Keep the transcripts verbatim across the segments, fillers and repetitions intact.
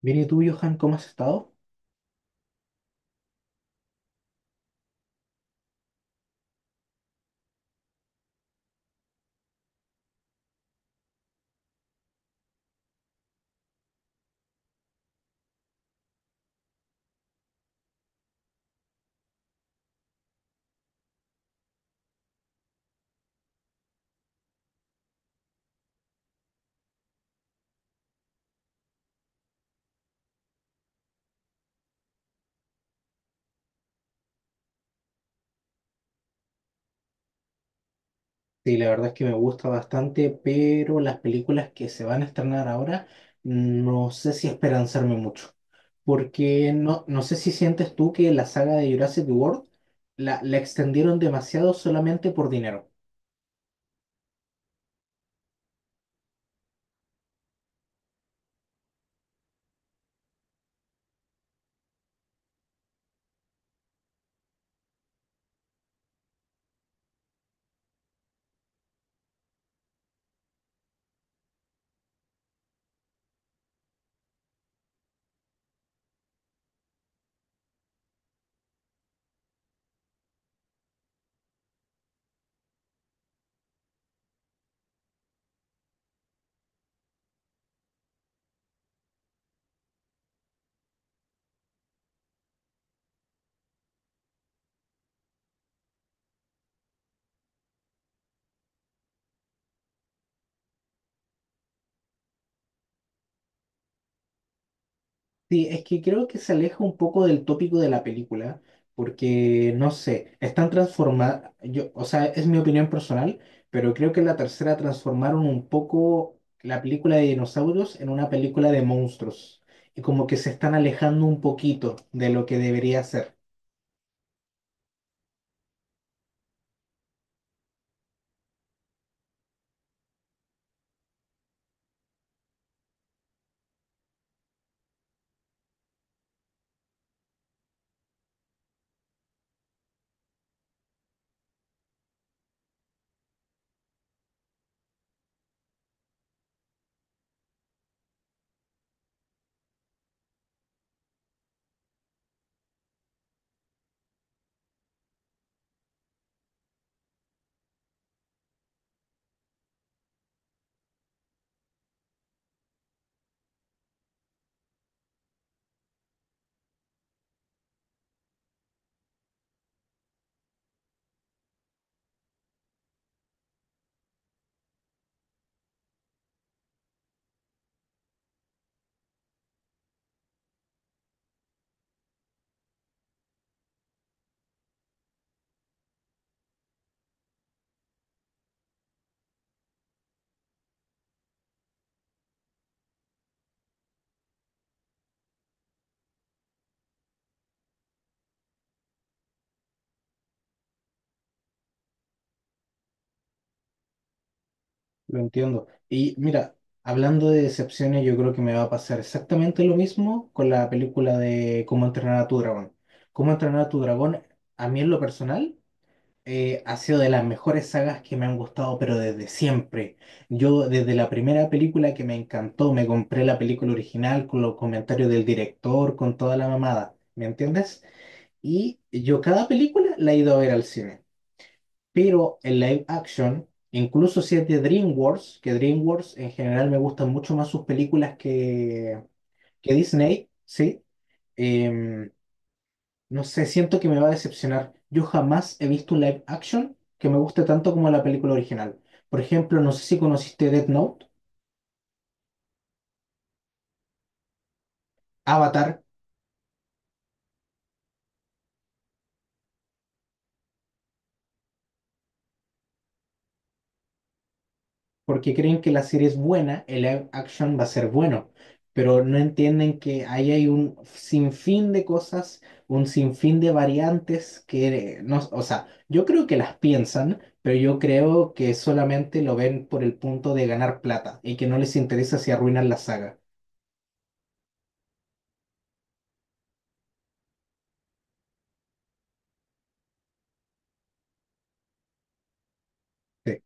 Bien, ¿y tú, Johan, cómo has estado? Sí, la verdad es que me gusta bastante, pero las películas que se van a estrenar ahora no sé si esperanzarme mucho, porque no, no sé si sientes tú que la saga de Jurassic World la, la extendieron demasiado solamente por dinero. Sí, es que creo que se aleja un poco del tópico de la película, porque no sé, están transformadas, yo, o sea, es mi opinión personal, pero creo que en la tercera transformaron un poco la película de dinosaurios en una película de monstruos, y como que se están alejando un poquito de lo que debería ser, lo entiendo. Y mira, hablando de decepciones, yo creo que me va a pasar exactamente lo mismo con la película de Cómo entrenar a tu dragón. Cómo entrenar a tu dragón, a mí en lo personal eh, ha sido de las mejores sagas que me han gustado, pero desde siempre. Yo desde la primera película que me encantó, me compré la película original con los comentarios del director, con toda la mamada, ¿me entiendes? Y yo cada película la he ido a ver al cine, pero en live action, incluso si es de DreamWorks, que DreamWorks en general me gustan mucho más sus películas que, que Disney, ¿sí? Em, no sé, siento que me va a decepcionar. Yo jamás he visto un live action que me guste tanto como la película original. Por ejemplo, no sé si conociste Death Note, Avatar, porque creen que la serie es buena, el live action va a ser bueno, pero no entienden que ahí hay un sinfín de cosas, un sinfín de variantes que eh, no, o sea, yo creo que las piensan, pero yo creo que solamente lo ven por el punto de ganar plata y que no les interesa si arruinan la saga. Sí,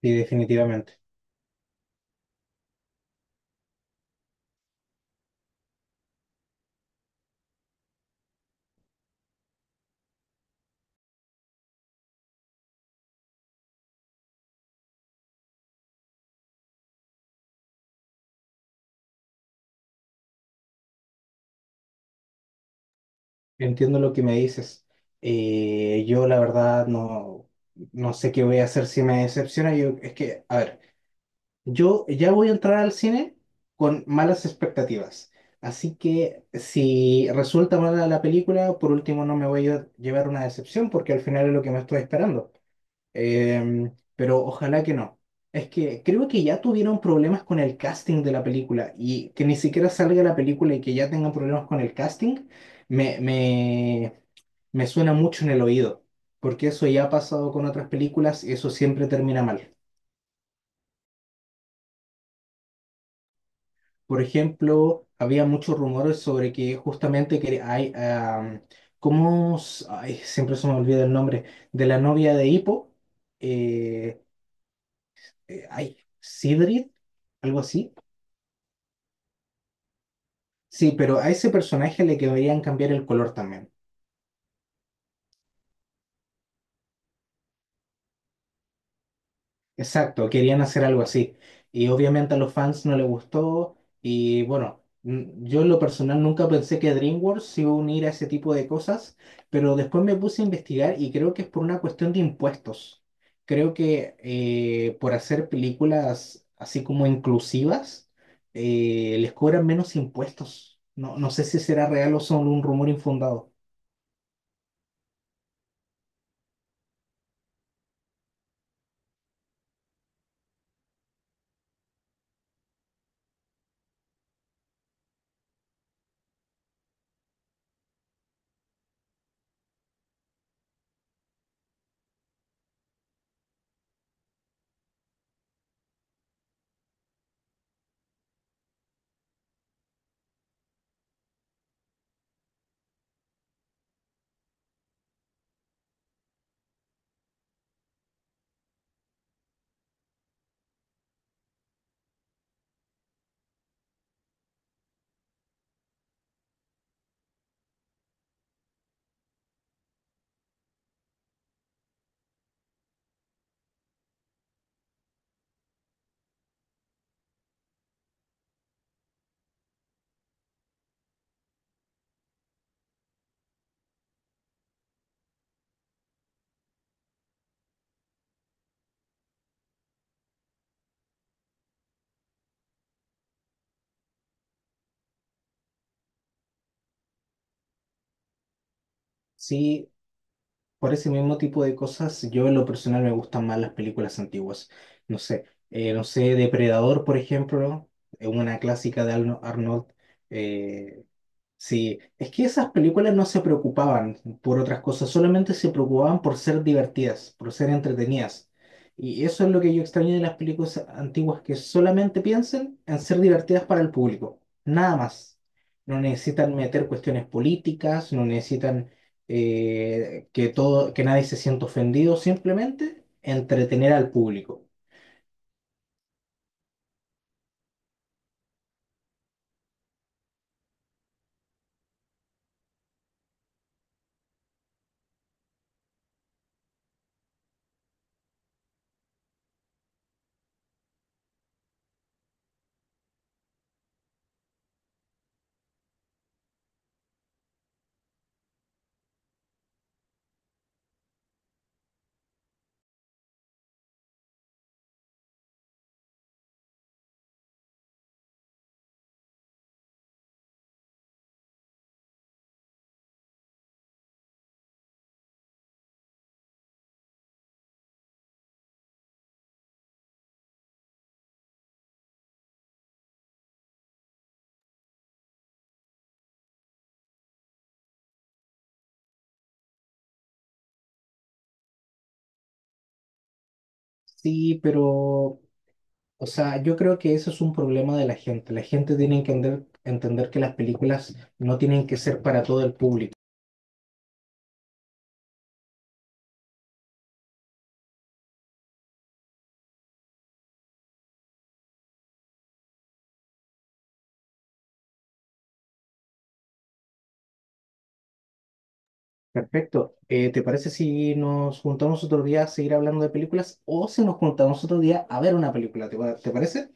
sí, definitivamente. Entiendo lo que me dices. Eh, yo la verdad no, no sé qué voy a hacer si me decepciona. Yo, es que, a ver, yo ya voy a entrar al cine con malas expectativas. Así que si resulta mala la película, por último no me voy a llevar una decepción porque al final es lo que me estoy esperando. Em, pero ojalá que no. Es que creo que ya tuvieron problemas con el casting de la película y que ni siquiera salga la película y que ya tengan problemas con el casting, me, me me suena mucho en el oído, porque eso ya ha pasado con otras películas y eso siempre termina mal. Por ejemplo, había muchos rumores sobre que justamente que hay, am, ¿cómo? S- ay, siempre se me olvida el nombre, de la novia de Hippo, eh, eh, ay, Sidrid, algo así. Sí, pero a ese personaje le querían cambiar el color también. Exacto, querían hacer algo así. Y obviamente a los fans no les gustó. Y bueno, mm, yo en lo personal nunca pensé que DreamWorks se iba a unir a ese tipo de cosas, pero después me puse a investigar y creo que es por una cuestión de impuestos. Creo que eh, por hacer películas así como inclusivas, eh, les cobran menos impuestos. No, no sé si será real o solo un rumor infundado. Sí, por ese mismo tipo de cosas, yo en lo personal me gustan más las películas antiguas. No sé, eh, no sé, Depredador, por ejemplo, es una clásica de Arno- Arnold. eh, Sí, es que esas películas no se preocupaban por otras cosas, solamente se preocupaban por ser divertidas, por ser entretenidas. Y eso es lo que yo extraño de las películas antiguas, que solamente piensen en ser divertidas para el público, nada más. No necesitan meter cuestiones políticas, no necesitan eh, que todo, que nadie se sienta ofendido, simplemente entretener al público. Sí, pero, o sea, yo creo que ese es un problema de la gente. La gente tiene que entender, entender que las películas no tienen que ser para todo el público. Perfecto. Eh, ¿te parece si nos juntamos otro día a seguir hablando de películas o si nos juntamos otro día a ver una película? ¿Te, pa- te parece?